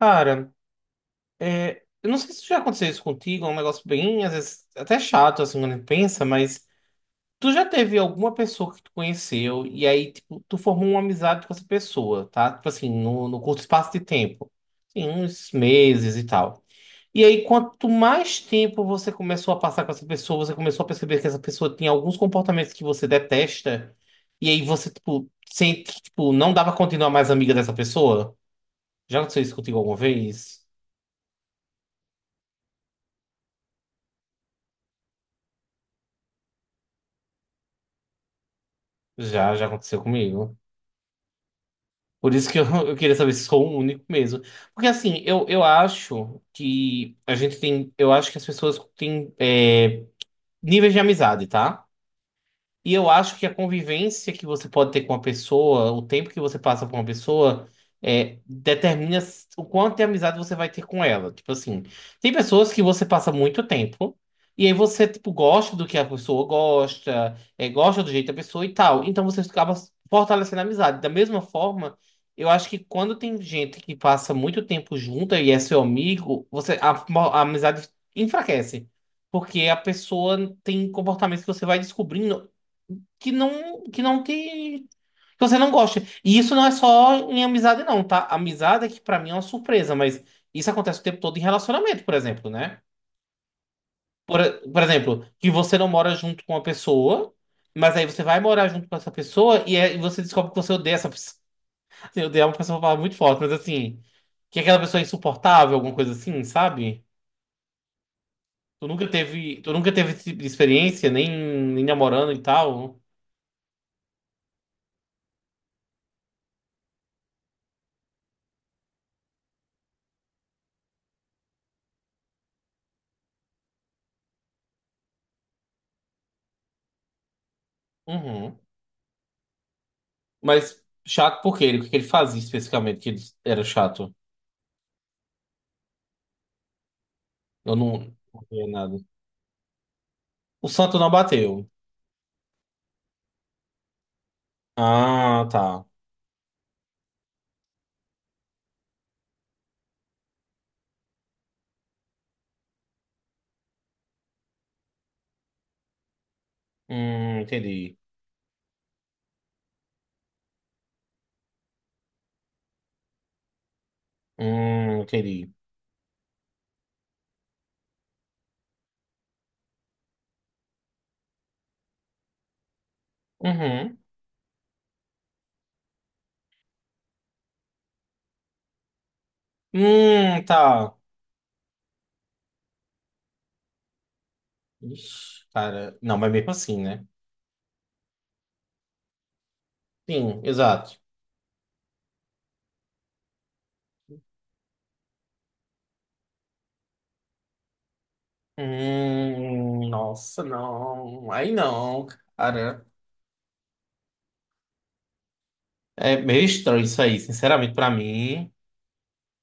Cara, eu não sei se já aconteceu isso contigo, é um negócio bem, às vezes, até chato, assim, quando a gente pensa, mas tu já teve alguma pessoa que tu conheceu e aí, tipo, tu formou uma amizade com essa pessoa, tá? Tipo assim, no curto espaço de tempo, assim, uns meses e tal. E aí, quanto mais tempo você começou a passar com essa pessoa, você começou a perceber que essa pessoa tinha alguns comportamentos que você detesta, e aí você, tipo, sente que, tipo, não dava continuar mais amiga dessa pessoa? Já aconteceu isso contigo alguma vez? Já aconteceu comigo. Por isso que eu, eu queria saber se sou o único mesmo. Porque assim, eu acho que a gente tem. Eu acho que as pessoas têm níveis de amizade, tá? E eu acho que a convivência que você pode ter com uma pessoa, o tempo que você passa com uma pessoa, determina o quanto de amizade você vai ter com ela. Tipo assim, tem pessoas que você passa muito tempo, e aí você, tipo, gosta do que a pessoa gosta, gosta do jeito da pessoa e tal. Então você acaba fortalecendo a amizade. Da mesma forma, eu acho que quando tem gente que passa muito tempo junta e é seu amigo, você, a amizade enfraquece. Porque a pessoa tem comportamentos que você vai descobrindo que você não gosta. E isso não é só em amizade não, tá? Amizade é que pra mim é uma surpresa, mas isso acontece o tempo todo em relacionamento, por exemplo, né? Por, por exemplo, que você não mora junto com uma pessoa, mas aí você vai morar junto com essa pessoa e aí você descobre que você odeia essa pessoa. Assim, odeia é uma pessoa falar muito forte, mas assim, que é aquela pessoa é insuportável, alguma coisa assim, sabe? Tu nunca teve esse tipo de experiência, nem namorando e tal. Uhum. Mas chato por quê? O que que ele fazia especificamente que ele era chato? Eu não vi nada. O santo não bateu. Ah, tá. Entendi. Entendi. Uhum. Tá. Ixi, cara. Não, mas mesmo assim, né? Sim, exato. Nossa, não. Aí não, cara. É meio estranho isso aí, sinceramente, pra mim.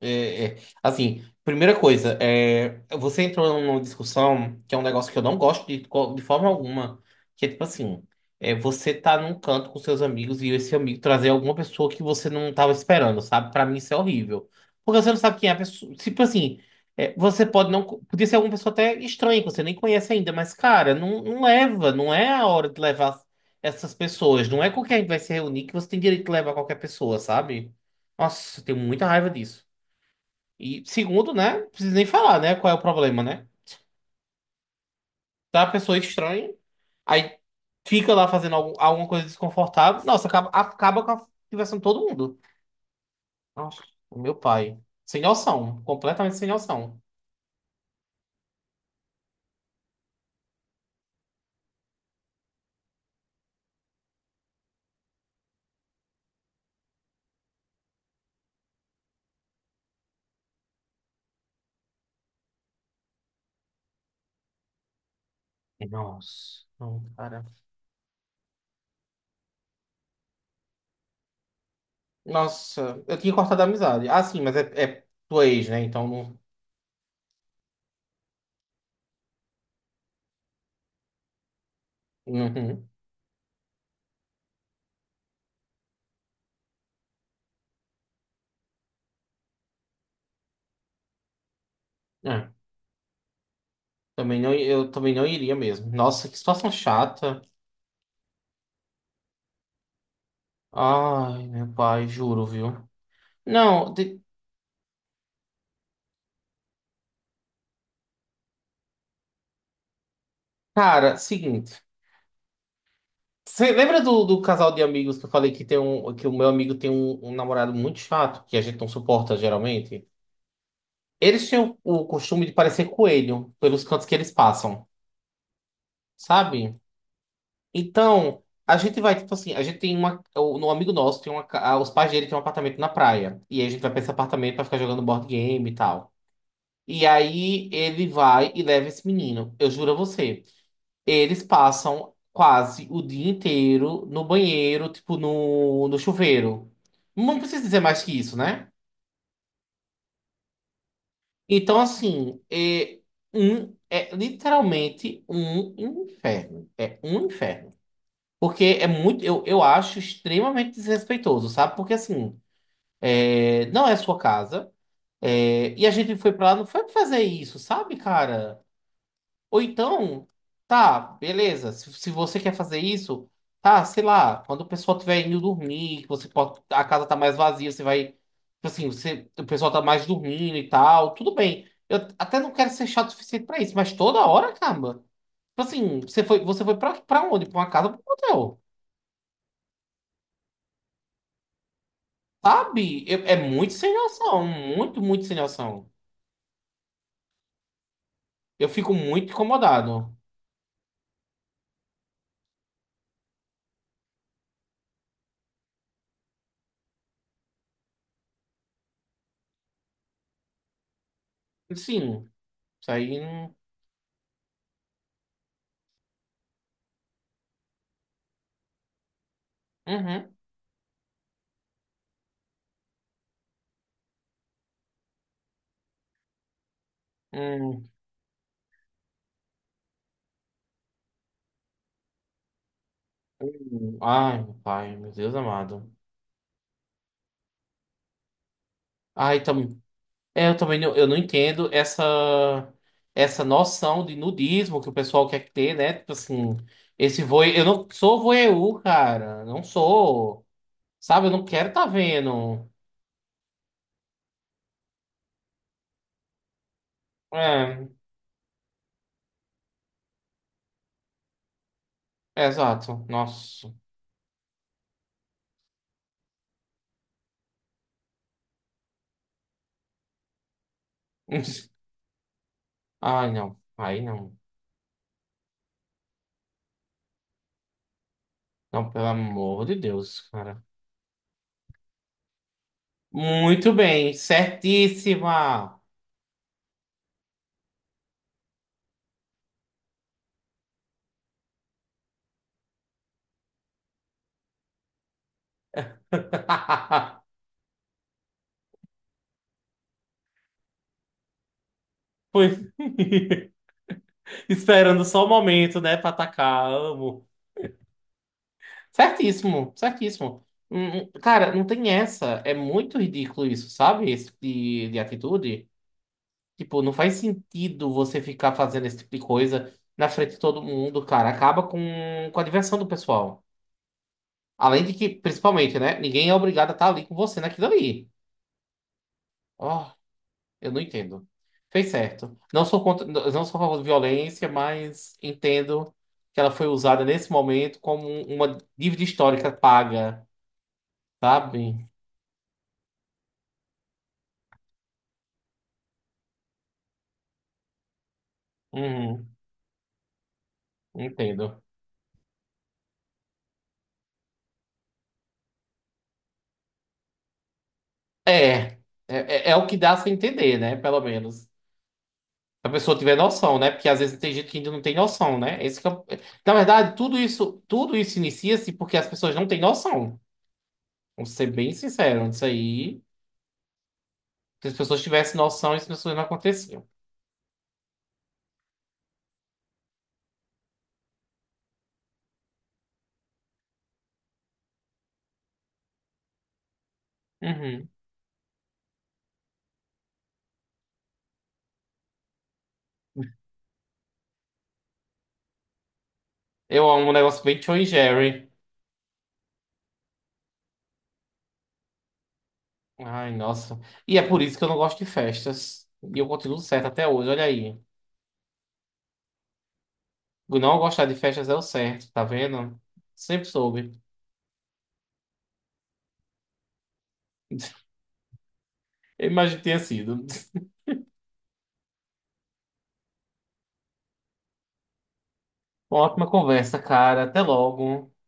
É, é. Assim, primeira coisa, você entrou numa discussão que é um negócio que eu não gosto de, de forma alguma, que é tipo assim, você tá num canto com seus amigos e esse amigo trazer alguma pessoa que você não tava esperando, sabe? Pra mim isso é horrível. Porque você não sabe quem é a pessoa. Tipo assim, você pode não. Podia ser alguma pessoa até estranha, que você nem conhece ainda, mas, cara, não, não leva, não é a hora de levar essas pessoas. Não é com quem a gente vai se reunir que você tem direito de levar qualquer pessoa, sabe? Nossa, eu tenho muita raiva disso. E segundo, né? Não precisa nem falar, né? Qual é o problema, né? Tá uma pessoa estranha, aí fica lá fazendo alguma coisa desconfortável. Nossa, acaba com a diversão de todo mundo. Nossa, o meu pai. Sem noção. Completamente sem noção. Nossa, não, cara. Nossa, eu tinha cortado a amizade. Ah, sim, mas é tua ex, né? Então não. Uhum. É, também não, eu também não iria mesmo. Nossa, que situação chata. Ai, meu pai, juro, viu? Não, de- cara, seguinte. Você lembra do casal de amigos que eu falei que tem um, que o meu amigo tem um, um namorado muito chato, que a gente não suporta geralmente? Eles têm o costume de parecer coelho pelos cantos que eles passam, sabe? Então, a gente vai, tipo assim, a gente tem uma. Um amigo nosso tem uma. Os pais dele têm um apartamento na praia. E aí a gente vai pra esse apartamento pra ficar jogando board game e tal. E aí ele vai e leva esse menino. Eu juro a você. Eles passam quase o dia inteiro no banheiro, tipo no chuveiro. Não precisa dizer mais que isso, né? Então, assim, é literalmente um inferno. É um inferno. Porque é muito, eu acho extremamente desrespeitoso, sabe? Porque, assim, não é sua casa. É, e a gente foi pra lá, não foi pra fazer isso, sabe, cara? Ou então, tá, beleza. Se você quer fazer isso, tá, sei lá, quando o pessoal tiver indo dormir, que você pode, a casa tá mais vazia, você vai, tipo assim, você, o pessoal tá mais dormindo e tal, tudo bem. Eu até não quero ser chato o suficiente pra isso, mas toda hora, caramba. Tipo assim, você foi pra, pra onde? Pra uma casa, ou pra um hotel. Sabe? É muito sem noção, muito sem noção. Eu fico muito incomodado. Sim, isso aí. Uhum, uhum. Ai, meu pai, meu Deus amado. Ai, tam... eu também não, eu não entendo essa noção de nudismo que o pessoal quer ter, né? Tipo assim, esse voe... eu não sou voyeur, cara, não sou. Sabe, eu não quero tá vendo. É, é exato. Nossa. Ai, não. Ai, não. Não, pelo amor de Deus, cara. Muito bem, certíssima. Pois esperando só o momento, né, pra atacar. Amo. Certíssimo, certíssimo. Cara, não tem essa. É muito ridículo isso, sabe? Esse tipo de atitude. Tipo, não faz sentido você ficar fazendo esse tipo de coisa na frente de todo mundo, cara. Acaba com a diversão do pessoal. Além de que, principalmente, né? Ninguém é obrigado a estar ali com você naquilo ali. Ó. Eu não entendo. Fez certo. Não sou contra, não sou a favor de violência, mas entendo que ela foi usada nesse momento como uma dívida histórica paga, sabe? Uhum, entendo. É, é, é é o que dá a se entender, né? Pelo menos. Se a pessoa tiver noção, né? Porque às vezes tem gente que ainda não tem noção, né? Esse que é na verdade, tudo isso inicia-se porque as pessoas não têm noção. Vamos ser bem sinceros isso aí. Se as pessoas tivessem noção, isso não aconteciam. Uhum. Eu amo um negócio bem Tom e Jerry. Ai, nossa. E é por isso que eu não gosto de festas. E eu continuo certo até hoje, olha aí. Não gostar de festas é o certo, tá vendo? Sempre soube. Eu imagino que tenha sido. Uma ótima conversa, cara. Até logo.